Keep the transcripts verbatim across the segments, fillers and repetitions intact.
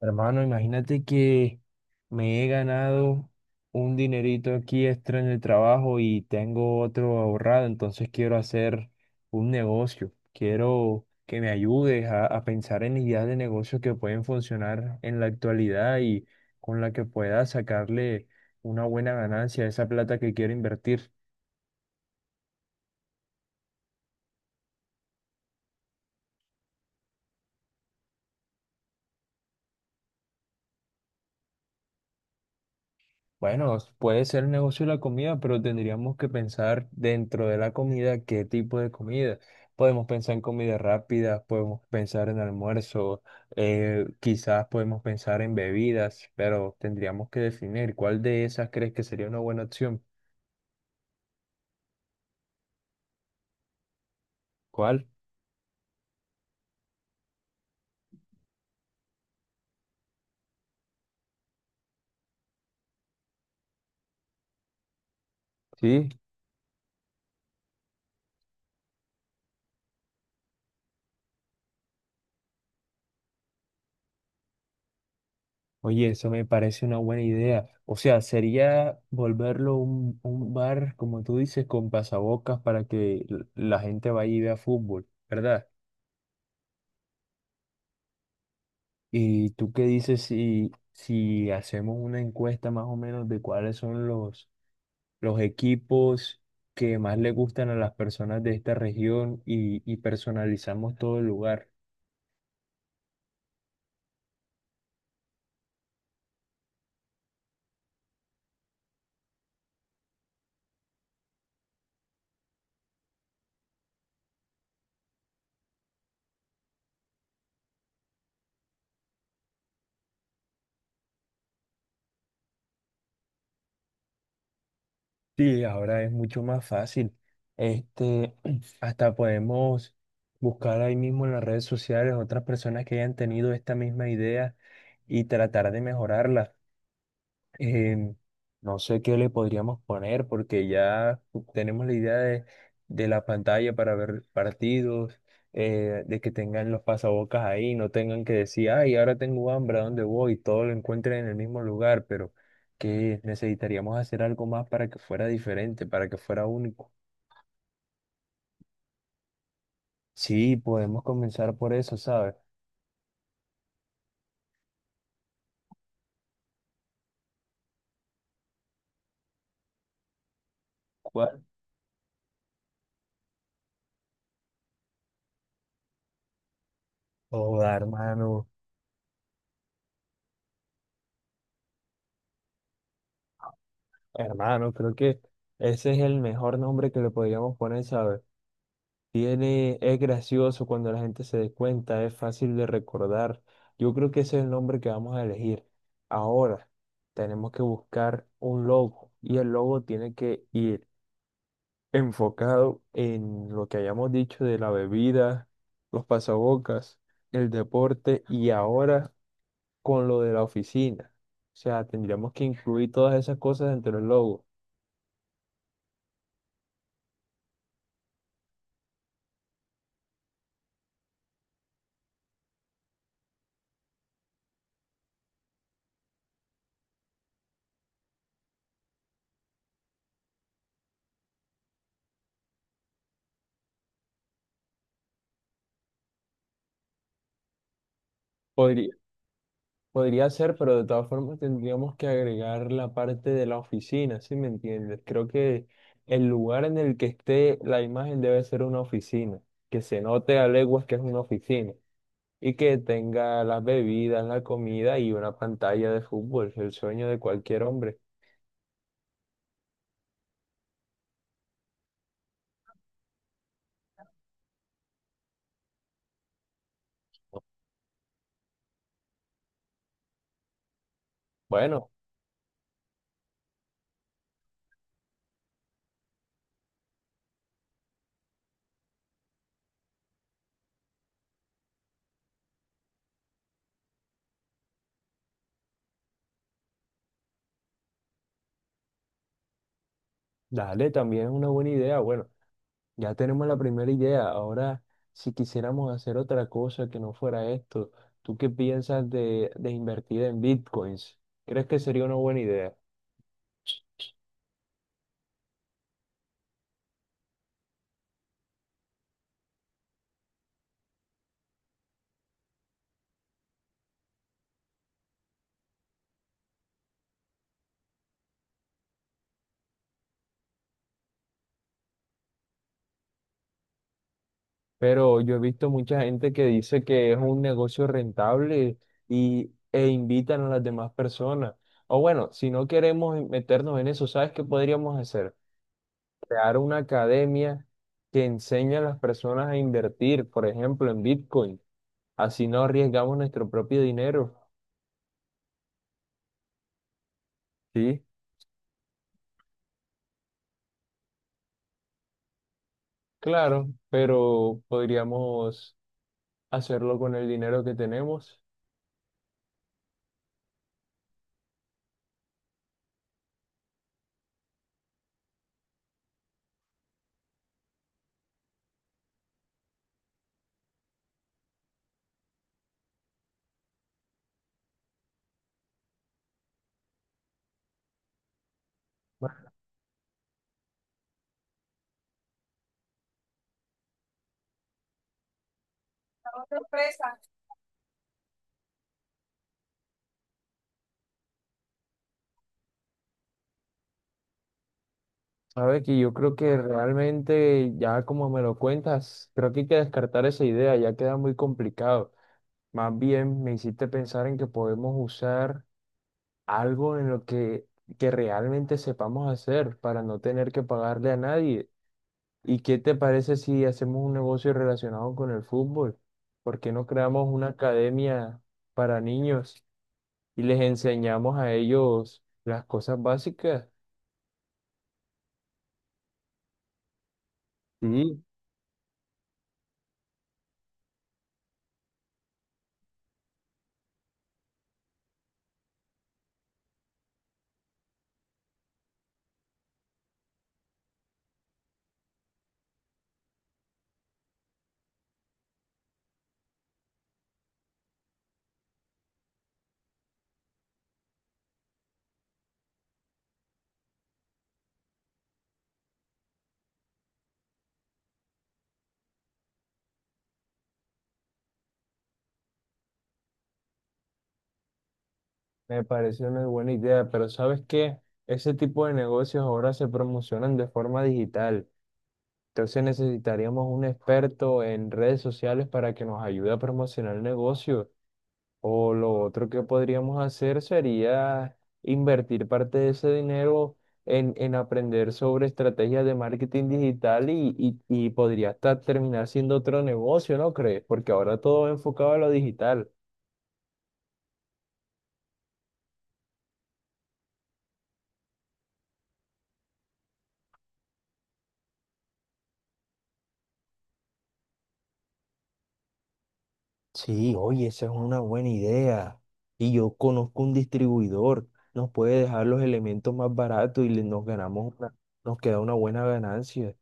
Hermano, imagínate que me he ganado un dinerito aquí extra en el trabajo y tengo otro ahorrado, entonces quiero hacer un negocio. Quiero que me ayudes a, a pensar en ideas de negocios que pueden funcionar en la actualidad y con la que pueda sacarle una buena ganancia a esa plata que quiero invertir. Bueno, puede ser el negocio de la comida, pero tendríamos que pensar dentro de la comida qué tipo de comida. Podemos pensar en comida rápida, podemos pensar en almuerzo, eh, quizás podemos pensar en bebidas, pero tendríamos que definir cuál de esas crees que sería una buena opción. ¿Cuál? Sí. Oye, eso me parece una buena idea. O sea, sería volverlo un, un bar, como tú dices, con pasabocas para que l- la gente vaya y vea fútbol, ¿verdad? ¿Y tú qué dices si, si hacemos una encuesta más o menos de cuáles son los, los equipos que más le gustan a las personas de esta región y, y personalizamos todo el lugar? Sí, ahora es mucho más fácil. Este, hasta podemos buscar ahí mismo en las redes sociales otras personas que hayan tenido esta misma idea y tratar de mejorarla. Eh, no sé qué le podríamos poner porque ya tenemos la idea de, de la pantalla para ver partidos, eh, de que tengan los pasabocas ahí, no tengan que decir, ay, ahora tengo hambre, ¿a dónde voy? Todo lo encuentren en el mismo lugar, pero que necesitaríamos hacer algo más para que fuera diferente, para que fuera único. Sí, podemos comenzar por eso, ¿sabes? ¿Cuál? Joda, hermano, hermano, creo que ese es el mejor nombre que le podríamos poner, ¿sabes? Tiene, es gracioso cuando la gente se dé cuenta, es fácil de recordar. Yo creo que ese es el nombre que vamos a elegir. Ahora tenemos que buscar un logo y el logo tiene que ir enfocado en lo que hayamos dicho de la bebida, los pasabocas, el deporte y ahora con lo de la oficina. O sea, tendríamos que incluir todas esas cosas dentro del logo. Podría ser, pero de todas formas tendríamos que agregar la parte de la oficina, ¿sí me entiendes? Creo que el lugar en el que esté la imagen debe ser una oficina, que se note a leguas que es una oficina y que tenga las bebidas, la comida y una pantalla de fútbol, el sueño de cualquier hombre. Bueno, dale, también es una buena idea. Bueno, ya tenemos la primera idea. Ahora, si quisiéramos hacer otra cosa que no fuera esto, ¿tú qué piensas de, de invertir en bitcoins? ¿Crees que sería una buena idea? Pero yo he visto mucha gente que dice que es un negocio rentable y, e invitan a las demás personas. O bueno, si no queremos meternos en eso, ¿sabes qué podríamos hacer? Crear una academia que enseñe a las personas a invertir, por ejemplo, en bitcoin. Así no arriesgamos nuestro propio dinero, ¿sí? Claro, pero podríamos hacerlo con el dinero que tenemos. A ver, que yo creo que realmente, ya como me lo cuentas, creo que hay que descartar esa idea, ya queda muy complicado. Más bien me hiciste pensar en que podemos usar algo en lo que, que realmente sepamos hacer para no tener que pagarle a nadie. ¿Y qué te parece si hacemos un negocio relacionado con el fútbol? ¿Por qué no creamos una academia para niños? Y les enseñamos a ellos las cosas básicas. Sí, me parece una buena idea, pero ¿sabes qué? Ese tipo de negocios ahora se promocionan de forma digital. Entonces necesitaríamos un experto en redes sociales para que nos ayude a promocionar el negocio. O lo otro que podríamos hacer sería invertir parte de ese dinero en, en aprender sobre estrategias de marketing digital y, y, y podría hasta terminar siendo otro negocio, ¿no crees? Porque ahora todo va enfocado a lo digital. Sí, oye, esa es una buena idea. Y yo conozco un distribuidor, nos puede dejar los elementos más baratos y le- nos ganamos una- nos queda una buena ganancia.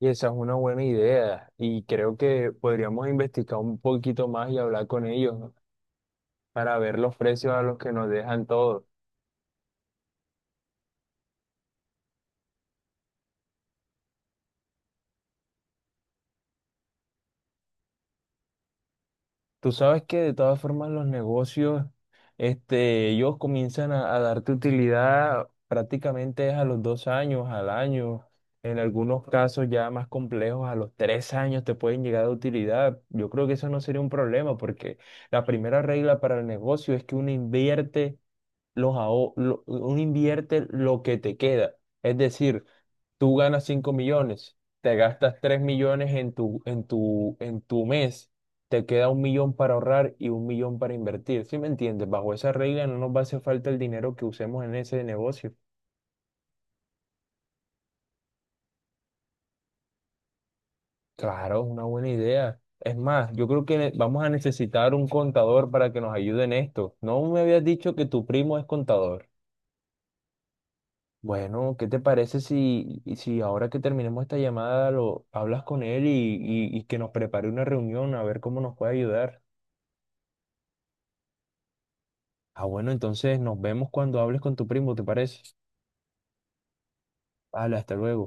Y esa es una buena idea y creo que podríamos investigar un poquito más y hablar con ellos, ¿no? Para ver los precios a los que nos dejan todo. Tú sabes que de todas formas los negocios, este, ellos comienzan a, a darte utilidad prácticamente es a los dos años, al año. En algunos casos ya más complejos, a los tres años te pueden llegar a utilidad. Yo creo que eso no sería un problema porque la primera regla para el negocio es que uno invierte los aho- lo- uno invierte lo que te queda. Es decir, tú ganas cinco millones, te gastas tres millones en tu, en tu, en tu mes, te queda un millón para ahorrar y un millón para invertir. ¿Sí me entiendes? Bajo esa regla no nos va a hacer falta el dinero que usemos en ese negocio. Claro, es una buena idea. Es más, yo creo que ne- vamos a necesitar un contador para que nos ayude en esto. ¿No me habías dicho que tu primo es contador? Bueno, ¿qué te parece si, y si ahora que terminemos esta llamada lo hablas con él y, y- y que nos prepare una reunión a ver cómo nos puede ayudar? Ah, bueno, entonces nos vemos cuando hables con tu primo, ¿te parece? Vale, hasta luego.